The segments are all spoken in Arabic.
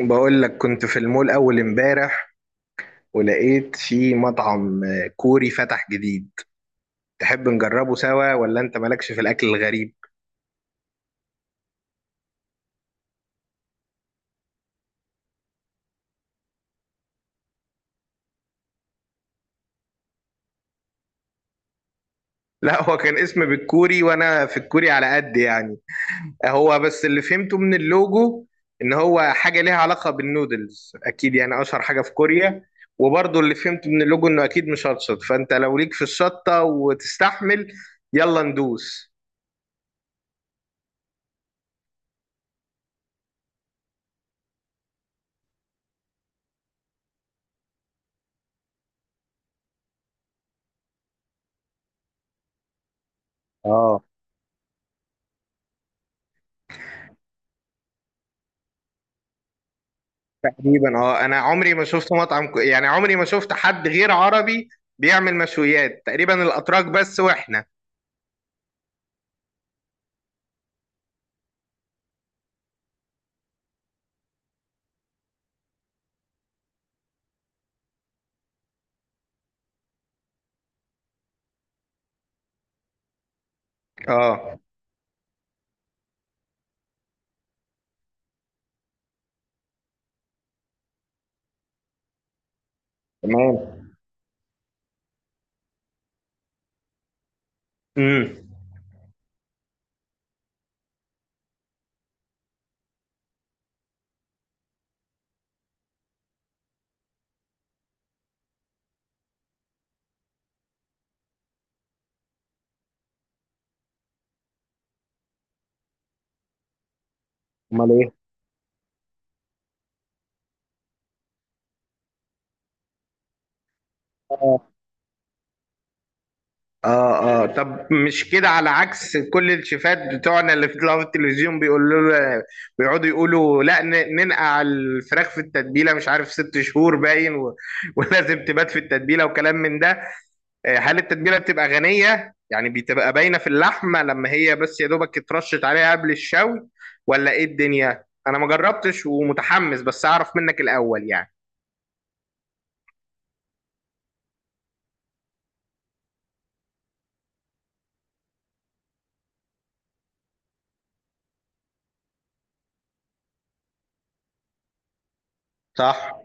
بقول لك كنت في المول أول امبارح، ولقيت في مطعم كوري فتح جديد. تحب نجربه سوا ولا أنت مالكش في الأكل الغريب؟ لا، هو كان اسم بالكوري وأنا في الكوري على قد يعني. هو بس اللي فهمته من اللوجو إن هو حاجة ليها علاقة بالنودلز أكيد، يعني أشهر حاجة في كوريا. وبرضه اللي فهمته من اللوجو إنه أكيد مشطشط، فأنت لو ليك في الشطة وتستحمل، يلا ندوس. اه، تقريبا. اه، انا عمري ما شفت يعني عمري ما شفت حد غير عربي بيعمل مشويات تقريبا، الاتراك بس، واحنا. اه. تمام. امم. امال ايه. اه. اه. آه. طب مش كده على عكس كل الشيفات بتوعنا اللي في طلعوا في التلفزيون؟ بيقولوا له، بيقعدوا يقولوا لا ننقع الفراخ في التتبيله مش عارف 6 شهور باين و... ولازم تبات في التتبيله وكلام من ده. هل التتبيله بتبقى غنيه، يعني بتبقى باينه في اللحمه، لما هي بس يا دوبك اترشت عليها قبل الشوي، ولا ايه الدنيا؟ انا ما جربتش ومتحمس، بس اعرف منك الاول يعني. صح.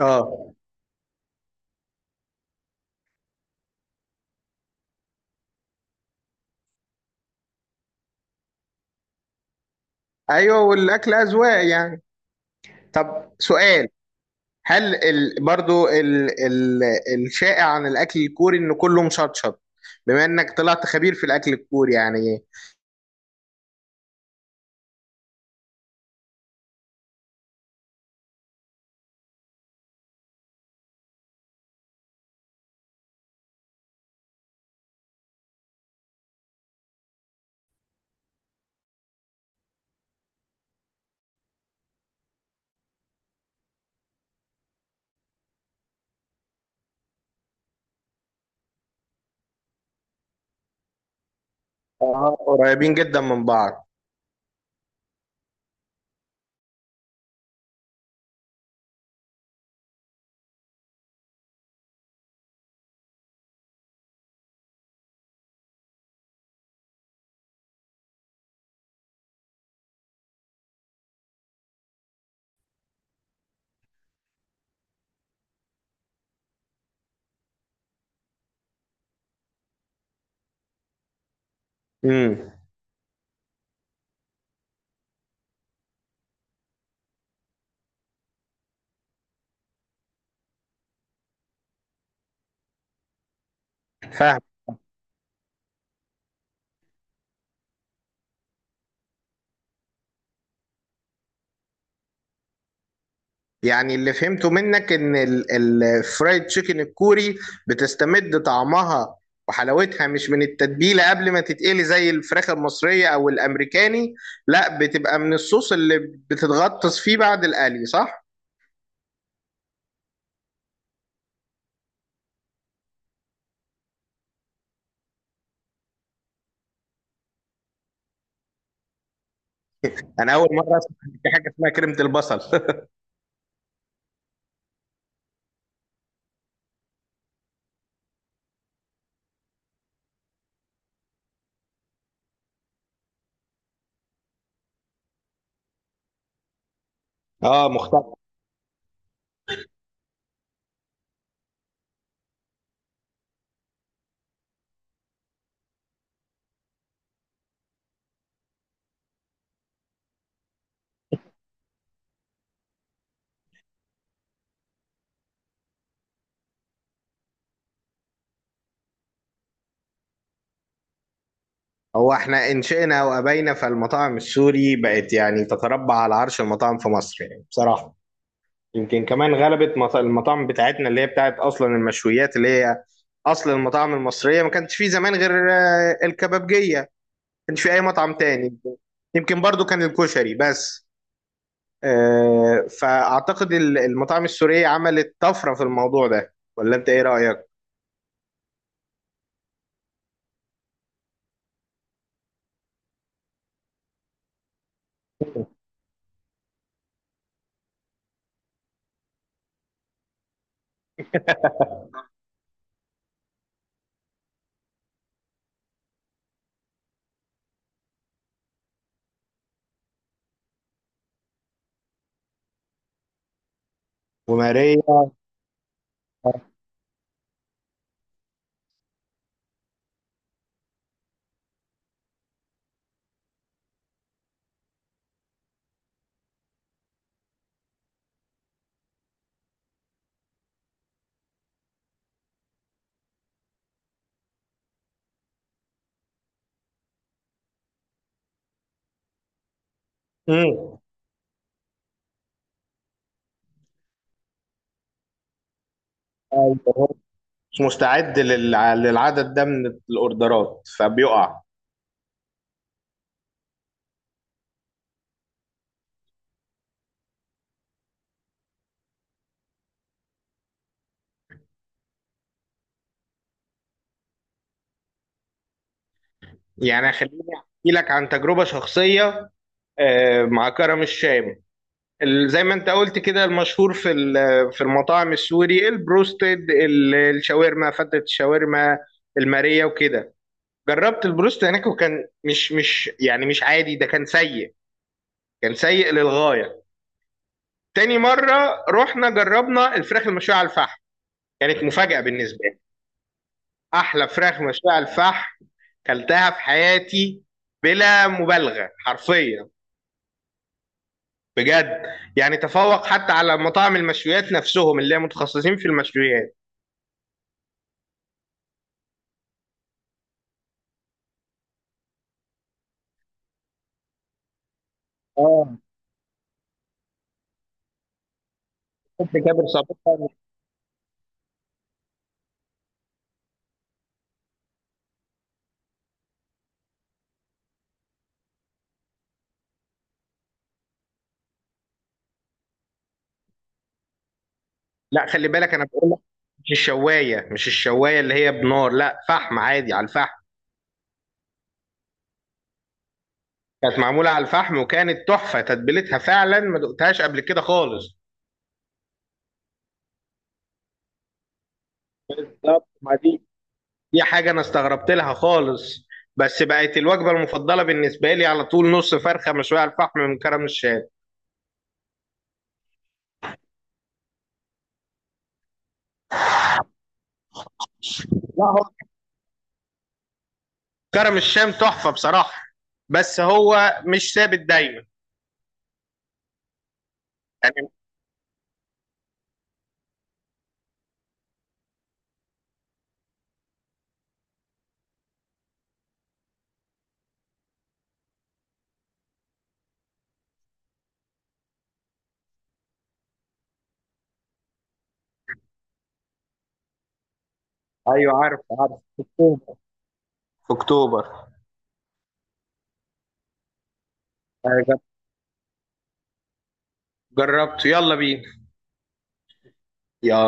اه. ايوه، والاكل اذواق يعني. طب سؤال. هل برضو الشائع عن الاكل الكوري انه كله مشطشط، بما انك طلعت خبير في الاكل الكوري يعني؟ قريبين جدا من بعض. امم. يعني اللي فهمته منك ان الفرايد تشيكن الكوري بتستمد طعمها وحلاوتها مش من التتبيلة قبل ما تتقلي، زي الفراخ المصرية او الامريكاني، لا، بتبقى من الصوص اللي بتتغطس فيه بعد القلي، صح؟ انا اول مرة اسمع إن في حاجة اسمها كريمة البصل. اه، مختلف. هو احنا انشئنا وابينا فالمطاعم السوري بقت يعني تتربع على عرش المطاعم في مصر يعني بصراحة. يمكن كمان غلبت المطاعم بتاعتنا اللي هي بتاعت اصلا المشويات، اللي هي اصل المطاعم المصريه. ما كانش في زمان غير الكبابجيه، ما كانش في اي مطعم تاني، يمكن برضو كان الكشري بس. فاعتقد المطاعم السوريه عملت طفره في الموضوع ده، ولا انت ايه رايك؟ وماريا. مم. أيوة. مش مستعد للعدد ده من الاوردرات فبيقع. يعني خليني احكي لك عن تجربه شخصيه مع كرم الشام. زي ما انت قلت كده المشهور في في المطاعم السوري البروستد، الشاورما، فتة الشاورما، المارية، وكده. جربت البروست هناك وكان مش يعني مش عادي، ده كان سيء، كان سيء للغاية. تاني مرة رحنا جربنا الفراخ المشوية على الفحم، كانت مفاجأة بالنسبة لي، أحلى فراخ مشوية على الفحم كلتها في حياتي، بلا مبالغة، حرفيا، بجد. يعني تفوق حتى على مطاعم المشويات نفسهم اللي هي متخصصين في المشويات. حب جابر. صابون. لا، خلي بالك انا بقول لك، مش الشوايه، مش الشوايه اللي هي بنار، لا، فحم عادي، على الفحم. كانت معموله على الفحم وكانت تحفه، تتبيلتها فعلا ما دقتهاش قبل كده خالص. بالظبط، ما دي، دي حاجه انا استغربت لها خالص. بس بقت الوجبه المفضله بالنسبه لي على طول، نص فرخه مشويه على الفحم من كرم الشام. لا، هو كرم الشام تحفه بصراحه، بس هو مش ثابت دايما. يعني ايوه، عارف عارف، في اكتوبر، في اكتوبر. آه، جربته، يلا بينا. يلا